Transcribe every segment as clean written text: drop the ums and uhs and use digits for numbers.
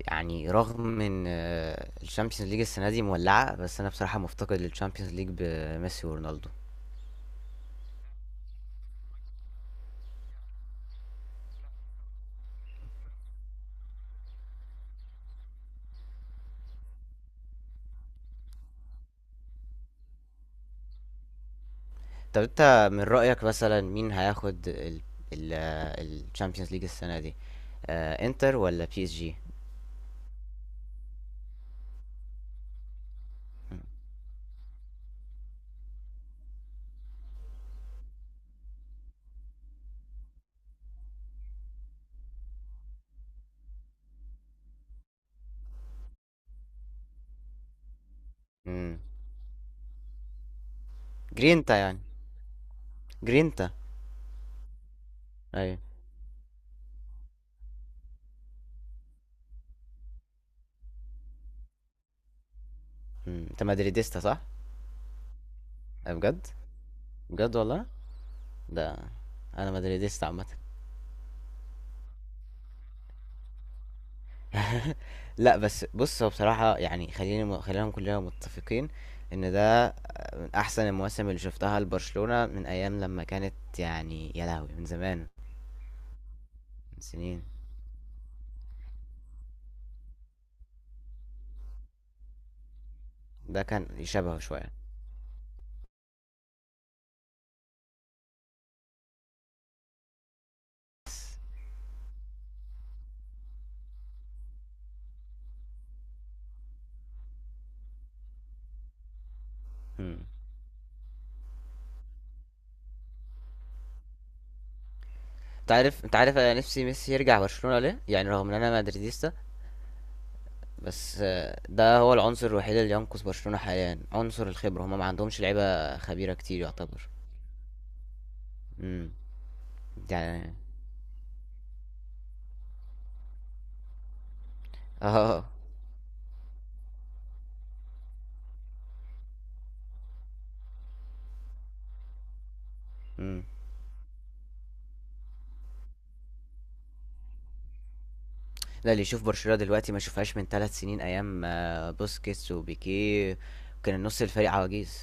يعني رغم ان الشامبيونز ليج السنه دي مولعه، بس انا بصراحه مفتقد للشامبيونز ليج بميسي ورونالدو. طب انت من رايك مثلا مين هياخد الشامبيونز ليج السنه دي، انتر ولا بي اس جي؟ مم. جرينتا يعني، جرينتا. ايوه. مم. انت مدريديستا صح؟ بجد؟ بجد والله؟ ده انا مدريديستا عامه. لأ، بس بُص، هو بصراحة يعني خلّينا كلّنا متّفقين إن ده من أحسن المواسم اللي شُفتها لبرشلونة من أيام لمّا كانت، يعني يا لهوي! من زمان، من سنين، ده كان شبهه شوية. بس. إمم. أنت عارف أنا نِفْسي ميسي يرجع برشلونة، ليه؟ يعني رغم إن أنا مدريديستا، بس ده هو العنصر الوحيد اللي ينقذ برشلونة حاليًا، عنصر الخبرة، هم ما عندهمش لعيبة خبيرة كتير يعتبر. إمم. يعني. آه. إمم. لا، اللي يشوف برشلونة دلوقتي ما شوفهاش من ثلاث سنين، ايام بوسكيتس وبيكيه، كان نص الفريق عواجيز.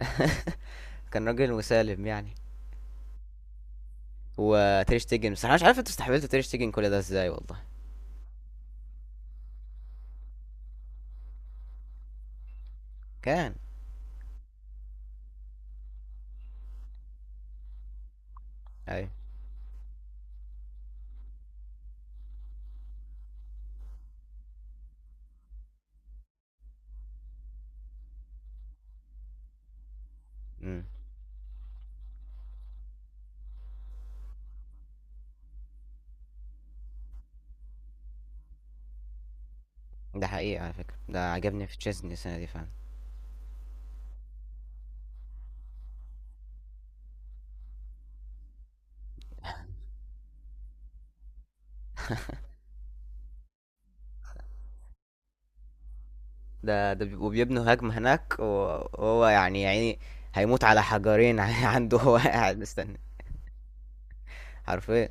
كان راجل مسالم يعني. وتير شتيجن، بس انا مش عارف انتوا استحملتوا تير شتيجن كل ده ازاي والله. كان. ايوه. امم. ده حقيقي على فكرة، ده عجبني في تشيزني السنة دي فعلا. ده بيبنوا هجمة هناك وهو يعني هيموت على حجرين عنده، هو قاعد مستني. حرفيا.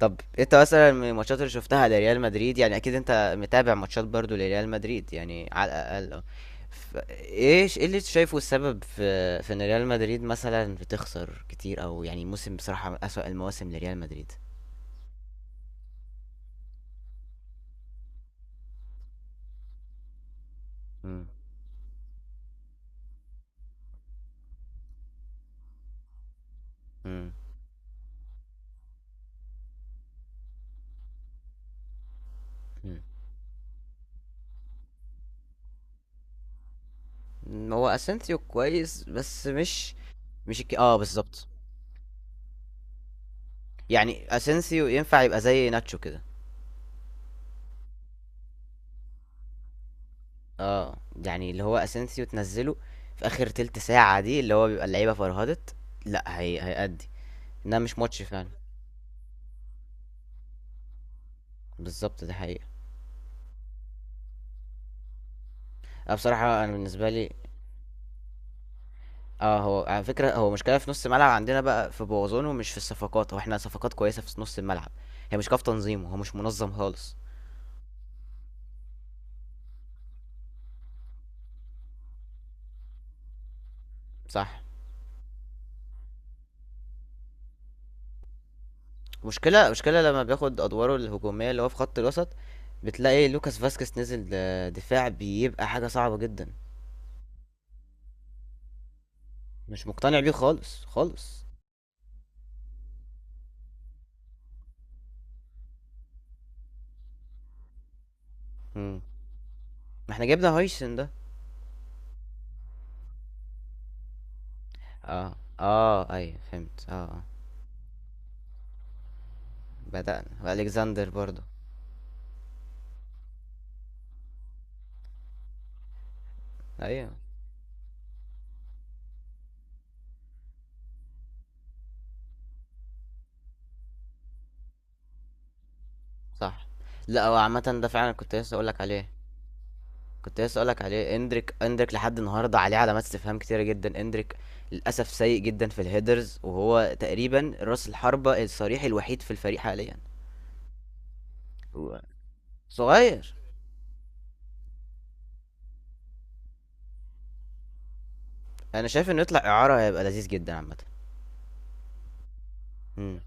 طب انت مثلا من الماتشات اللي شفتها لريال مدريد، يعني اكيد انت متابع ماتشات برضو لريال مدريد يعني على الاقل، اه. ف- ايه اللي انت شايفه السبب في ان ريال مدريد مثلا بتخسر كتير، او يعني موسم بصراحة من اسوأ المواسم لريال مدريد. مم. مم. مم. هو اسينسيو كويس بس مش، اه بالظبط. يعني اسينسيو ينفع يبقى زي ناتشو كده. اه. يعني اللي هو اسينسيو تنزله في اخر تلت ساعة دي، اللي هو بيبقى اللعيبة فرهدت. لا هي هيأدي. ده مش ماتش فعلا. بالظبط، دي حقيقة. أنا بصراحة أنا بالنسبة لي، اه هو على فكرة هو مشكلة في نص الملعب عندنا بقى في بوظونه مش في الصفقات، هو احنا صفقات كويسة في نص الملعب، هي مشكلة في تنظيمه، هو مش منظم خالص. صح. مشكلة، مشكلة لما بياخد أدواره الهجومية اللي هو في خط الوسط، بتلاقي لوكاس فاسكيز نزل دفاع، بيبقى حاجة صعبة جدا. مش مقتنع بيه خالص خالص. مم. ما احنا جبنا هايسن ده. اه اه ايوه فهمت اه. آه. بدأنا، والكساندر برضه. ايوه. صح. لا هو عامة ده فعلا، كنت لسه اقولك عليه، كنت لسه اقولك عليه. اندريك، اندريك لحد النهارده عليه علامات استفهام كتيرة جدا. اندريك للاسف سيء جدا في الهيدرز، وهو تقريبا راس الحربة الصريح الوحيد في الفريق حاليا. هو صغير. انا شايف انه يطلع اعارة هيبقى لذيذ جدا عامة. مم.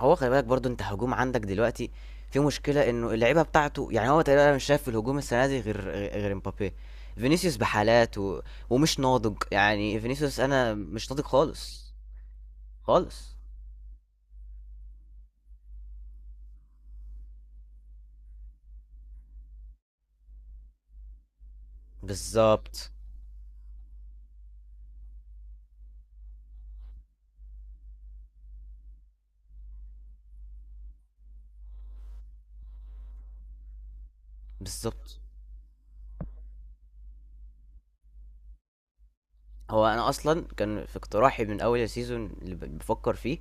هو خلي بالك برضو، انت هجوم عندك دلوقتي في مشكلة، انه اللعيبة بتاعته يعني هو تقريبا مش شايف في الهجوم السنة دي غير، غير مبابي. فينيسيوس بحالات و... ومش ناضج يعني، فينيسيوس انا مش ناضج خالص. خالص. بالظبط. بالظبط. هو انا اصلا كان في اقتراحي من اول السيزون اللي بفكر فيه: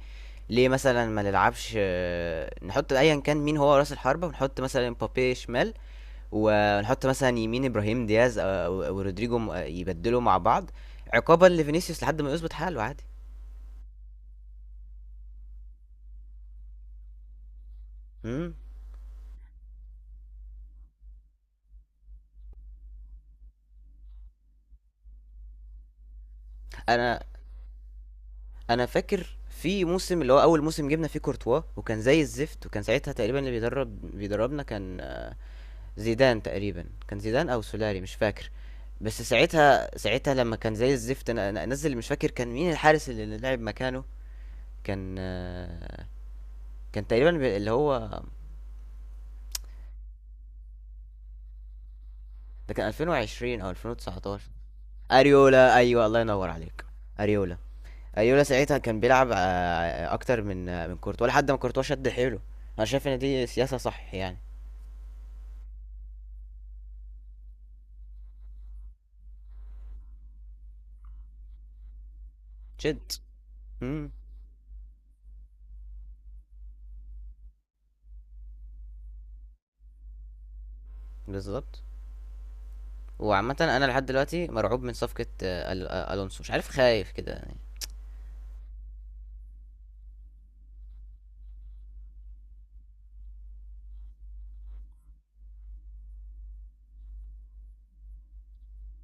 ليه مثلا ما نلعبش، نحط ايا كان مين هو راس الحربة، ونحط مثلا مبابي شمال، ونحط مثلا يمين ابراهيم دياز أو رودريجو، يبدلوا مع بعض، عقابا لفينيسيوس لحد ما يظبط حاله عادي. مم. انا انا فاكر في موسم، اللي هو اول موسم جبنا فيه كورتوا وكان زي الزفت، وكان ساعتها تقريبا اللي بيدربنا كان زيدان، تقريبا كان زيدان او سولاري مش فاكر. بس ساعتها، ساعتها لما كان زي الزفت، انا انزل مش فاكر كان مين الحارس اللي لعب مكانه، كان كان تقريبا اللي هو، ده كان 2020 او 2019. اريولا، ايوه، الله ينور عليك. اريولا. اريولا ساعتها كان بيلعب اكتر من من كورتوا، لحد ما كورتوا شد حيله. انا شايف ان دي سياسة صح يعني. جد. امم. بالظبط. وعامة انا لحد دلوقتي مرعوب من صفقة الونسو، مش عارف، خايف كده يعني.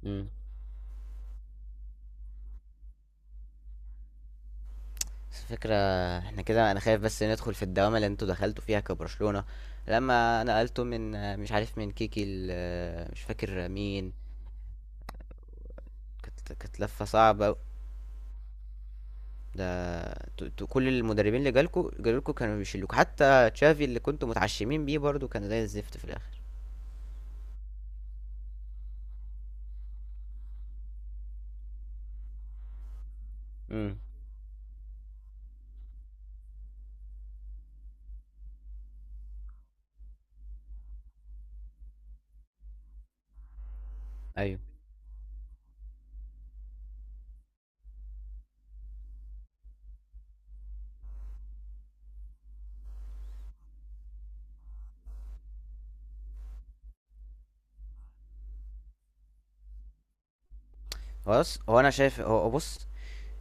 امم. بس الفكرة، احنا كده، انا خايف بس ندخل في الدوامة اللي انتوا دخلتوا فيها كبرشلونة لما نقلتوا من مش عارف من كيكي مش فاكر مين. كانت لفة صعبة أوي. ده انتوا، انتوا كل المدربين اللي جالكوا كانوا بيشيلوكوا، حتى تشافي اللي كنتوا متعشمين بيه برضو كان زي الزفت في الاخر. امم. ايوه. خلاص، هو انا شايف، هو بص،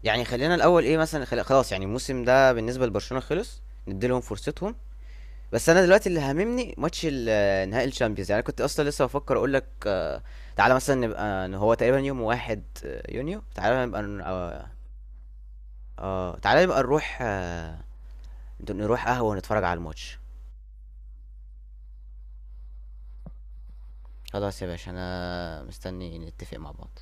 يعني خلينا الاول ايه مثلا، خلاص يعني الموسم ده بالنسبة لبرشلونة خلص، نديلهم فرصتهم. بس انا دلوقتي اللي هاممني ماتش نهائي الشامبيونز. يعني أنا كنت اصلا لسه بفكر اقول لك تعالى مثلا نبقى، إن هو تقريبا يوم واحد يونيو، تعالى نبقى اه، تعالى نبقى نروح نروح قهوة ونتفرج على الماتش. خلاص يا باشا، انا مستني نتفق مع بعض.